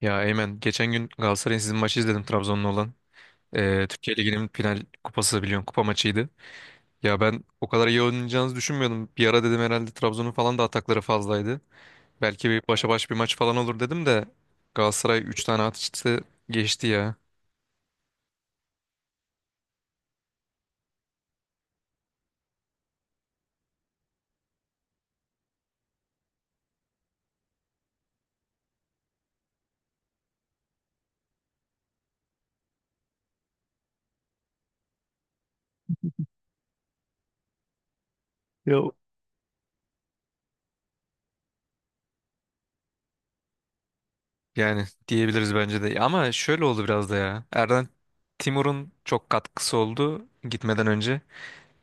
Ya Eymen geçen gün Galatasaray'ın sizin maçı izledim Trabzon'la olan. Türkiye Ligi'nin final kupası biliyorsun kupa maçıydı. Ya ben o kadar iyi oynayacağınızı düşünmüyordum. Bir ara dedim herhalde Trabzon'un falan da atakları fazlaydı. Belki bir başa baş bir maç falan olur dedim de Galatasaray 3 tane atıştı geçti ya. Ya, yani diyebiliriz bence de. Ama şöyle oldu biraz da ya. Erden Timur'un çok katkısı oldu gitmeden önce.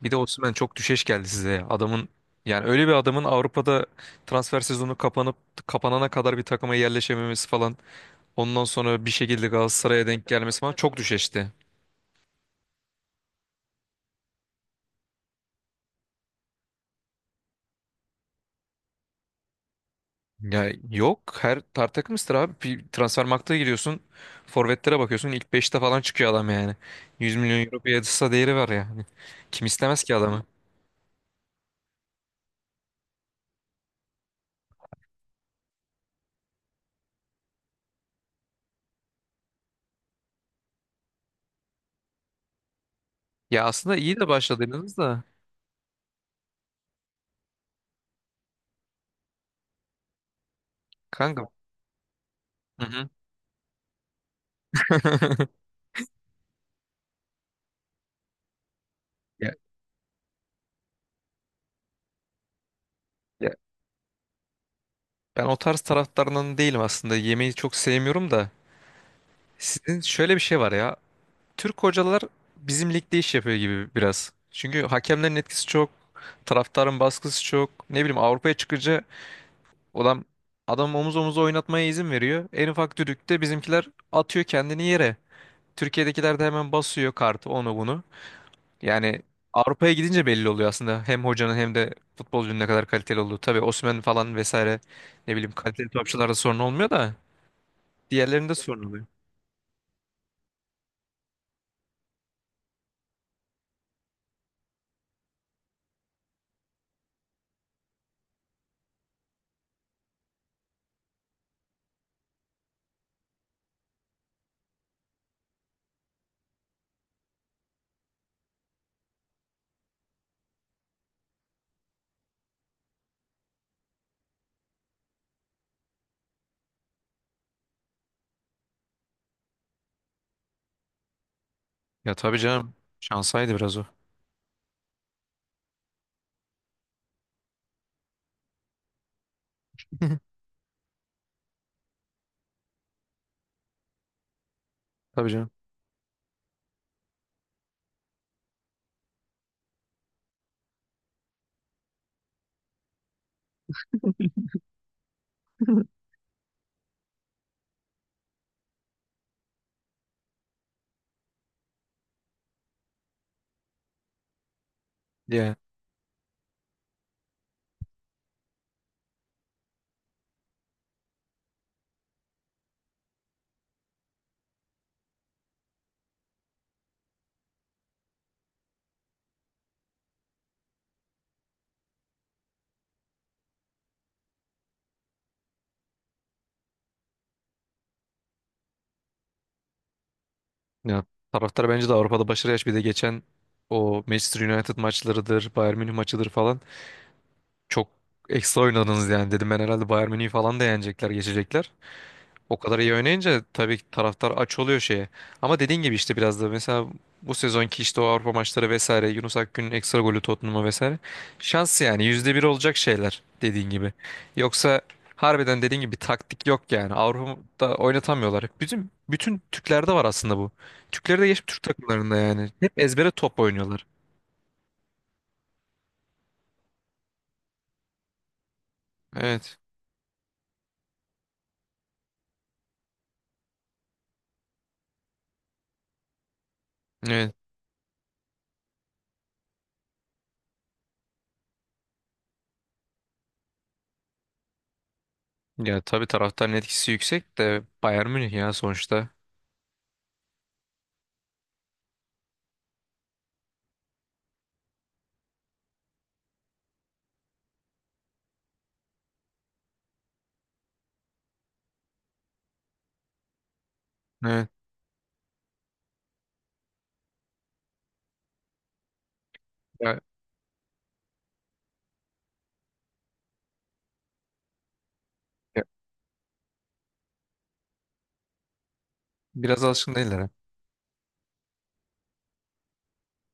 Bir de Osimhen çok düşeş geldi size ya. Yani öyle bir adamın Avrupa'da transfer sezonu kapanıp kapanana kadar bir takıma yerleşememesi falan. Ondan sonra bir şekilde Galatasaray'a denk gelmesi falan çok düşeşti. Ya yok, her takımızdır abi. Bir transfer giriyorsun. Forvetlere bakıyorsun. İlk beşte falan çıkıyor adam yani. 100 milyon euro piyasa değeri var yani. Kim istemez ki adamı? Ya aslında iyi de başladınız da. Kanka. Hı hı. Ya, ya ben o tarz taraftarından değilim aslında. Yemeği çok sevmiyorum da. Sizin şöyle bir şey var ya. Türk hocalar bizim ligde iş yapıyor gibi biraz. Çünkü hakemlerin etkisi çok, taraftarın baskısı çok. Ne bileyim Avrupa'ya çıkınca adam adam omuz omuza oynatmaya izin veriyor. En ufak düdükte bizimkiler atıyor kendini yere. Türkiye'dekiler de hemen basıyor kartı, onu bunu. Yani Avrupa'ya gidince belli oluyor aslında hem hocanın hem de futbolcunun ne kadar kaliteli olduğu. Tabii Osimhen falan vesaire, ne bileyim, kaliteli topçularda sorun olmuyor da diğerlerinde sorun oluyor. Ya tabii canım, şansaydı biraz o. Tabii canım. Yani, ya, taraftar bence de Avrupa'da başarı yaş, bir de geçen o Manchester United maçlarıdır, Bayern Münih maçıdır falan, çok ekstra oynadınız yani. Dedim ben herhalde Bayern Münih'i falan da yenecekler, geçecekler. O kadar iyi oynayınca tabii ki taraftar aç oluyor şeye. Ama dediğin gibi işte biraz da mesela bu sezonki işte o Avrupa maçları vesaire, Yunus Akgün'ün ekstra golü Tottenham'a vesaire, şans yani, %1 olacak şeyler dediğin gibi. Yoksa harbiden dediğin gibi bir taktik yok yani. Avrupa'da oynatamıyorlar. Bütün bütün Türklerde var aslında bu. Türkleri de geçip Türk takımlarında yani. Hep ezbere top oynuyorlar. Evet. Evet. Ya tabii taraftarın etkisi yüksek de Bayern Münih ya sonuçta. Evet. Ya, ya, biraz alışkın değiller.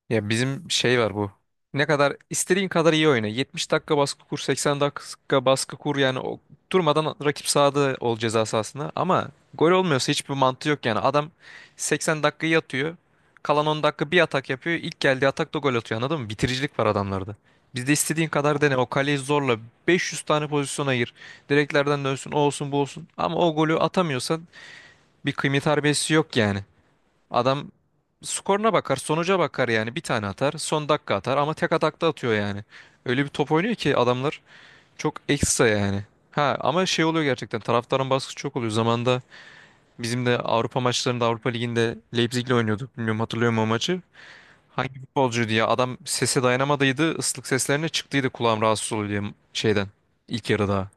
Ya bizim şey var bu. Ne kadar istediğin kadar iyi oyna, 70 dakika baskı kur, 80 dakika baskı kur yani, o durmadan rakip sahada ol, ceza sahasında. Ama gol olmuyorsa hiçbir mantığı yok yani. Adam 80 dakikayı atıyor, kalan 10 dakika bir atak yapıyor. İlk geldiği atakta gol atıyor, anladın mı? Bitiricilik var adamlarda. Bizde istediğin kadar dene, o kaleyi zorla, 500 tane pozisyon ayır. Direklerden dönsün, o olsun, bu olsun. Ama o golü atamıyorsan bir kıymet harbiyesi yok yani. Adam skoruna bakar, sonuca bakar yani. Bir tane atar, son dakika atar, ama tek atakta atıyor yani. Öyle bir top oynuyor ki adamlar, çok ekstra yani. Ha ama şey oluyor, gerçekten taraftarın baskısı çok oluyor. Zamanında bizim de Avrupa maçlarında, Avrupa Ligi'nde Leipzig'le oynuyorduk. Bilmiyorum, hatırlıyor musun o maçı? Hangi futbolcu diye adam sese dayanamadıydı. Islık seslerine çıktıydı, kulağım rahatsız oluyor diye, şeyden ilk yarıda.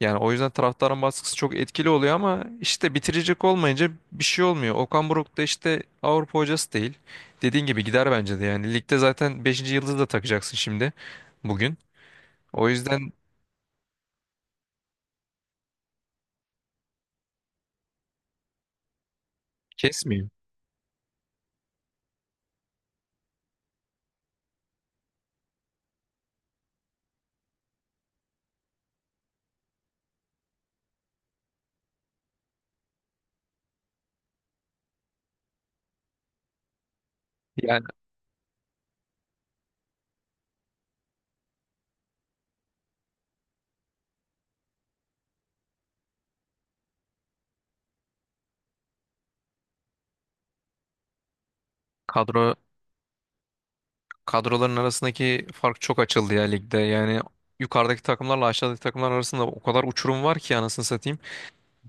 Yani o yüzden taraftarın baskısı çok etkili oluyor ama işte bitirecek olmayınca bir şey olmuyor. Okan Buruk da işte Avrupa hocası değil. Dediğin gibi gider bence de yani. Ligde zaten beşinci yıldızı da takacaksın şimdi, bugün. O yüzden kesmiyor. Yani kadro kadroların arasındaki fark çok açıldı ya ligde. Yani yukarıdaki takımlarla aşağıdaki takımlar arasında o kadar uçurum var ki anasını satayım.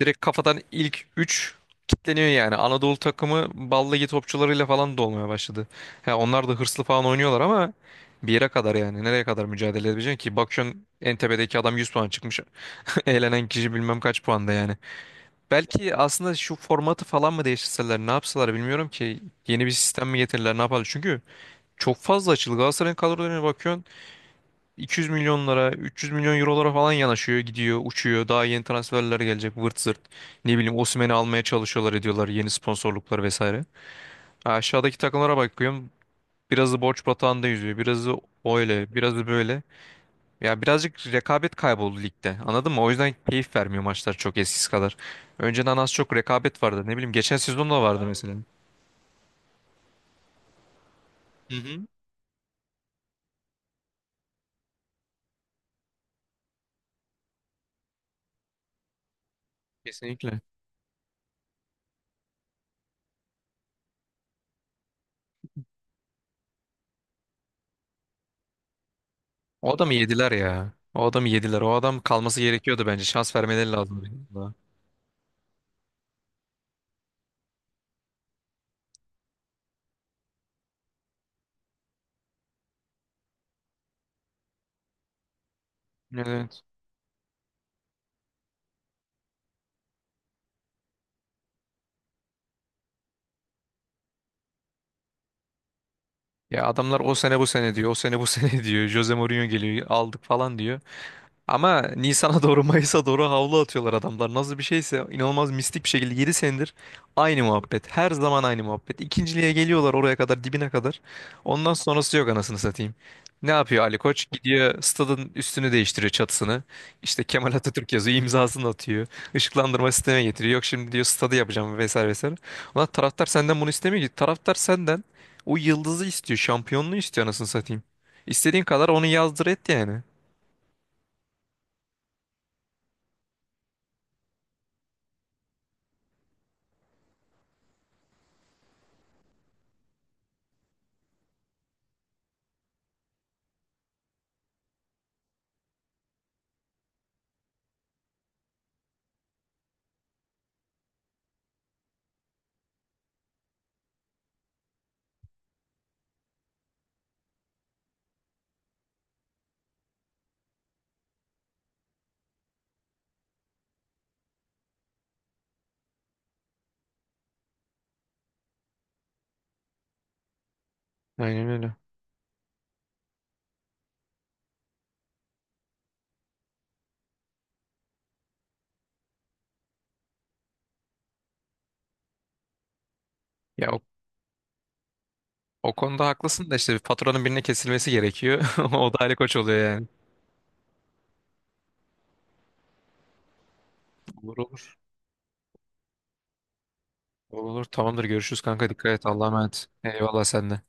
Direkt kafadan ilk 3 kitleniyor yani. Anadolu takımı balligi topçularıyla falan dolmaya başladı. Ha, onlar da hırslı falan oynuyorlar ama bir yere kadar yani. Nereye kadar mücadele edebileceksin ki? Bakıyorsun, en adam 100 puan çıkmış. Eğlenen kişi bilmem kaç puanda yani. Belki aslında şu formatı falan mı değiştirseler, ne yapsalar bilmiyorum ki. Yeni bir sistem mi getirirler, ne yaparlar. Çünkü çok fazla açıldı. Galatasaray'ın kadrolarına bakıyorsun: 200 milyonlara, 300 milyon eurolara falan yanaşıyor, gidiyor, uçuyor. Daha yeni transferler gelecek, vırt zırt. Ne bileyim Osimhen'i almaya çalışıyorlar, ediyorlar, yeni sponsorluklar vesaire. Ha, aşağıdaki takımlara bakıyorum. Birazı borç batağında yüzüyor, birazı öyle, birazı böyle. Ya birazcık rekabet kayboldu ligde, anladın mı? O yüzden keyif vermiyor maçlar çok eskisi kadar. Önceden az çok rekabet vardı. Ne bileyim geçen sezon da vardı mesela. Hı hı. Kesinlikle. O adamı yediler ya. O adamı yediler. O adam kalması gerekiyordu bence. Şans vermeleri lazımdı. Evet. Ya adamlar o sene bu sene diyor. O sene bu sene diyor. Jose Mourinho geliyor, aldık falan diyor. Ama Nisan'a doğru, Mayıs'a doğru havlu atıyorlar adamlar. Nasıl bir şeyse, inanılmaz mistik bir şekilde 7 senedir aynı muhabbet. Her zaman aynı muhabbet. İkinciliğe geliyorlar, oraya kadar, dibine kadar. Ondan sonrası yok anasını satayım. Ne yapıyor Ali Koç? Gidiyor stadın üstünü değiştiriyor, çatısını. İşte Kemal Atatürk yazıyor, imzasını atıyor. Işıklandırma sistemi getiriyor. Yok şimdi diyor stadı yapacağım vesaire vesaire. Ulan taraftar senden bunu istemiyor ki. Taraftar senden o yıldızı istiyor, şampiyonluğu istiyor anasını satayım. İstediğin kadar onu yazdır et yani. Aynen öyle. Ya o konuda haklısın da işte bir faturanın birine kesilmesi gerekiyor. O da Ali Koç oluyor yani. Olur olur. Olur olur. Tamamdır. Görüşürüz kanka. Dikkat et. Allah'a emanet. Eyvallah sen de.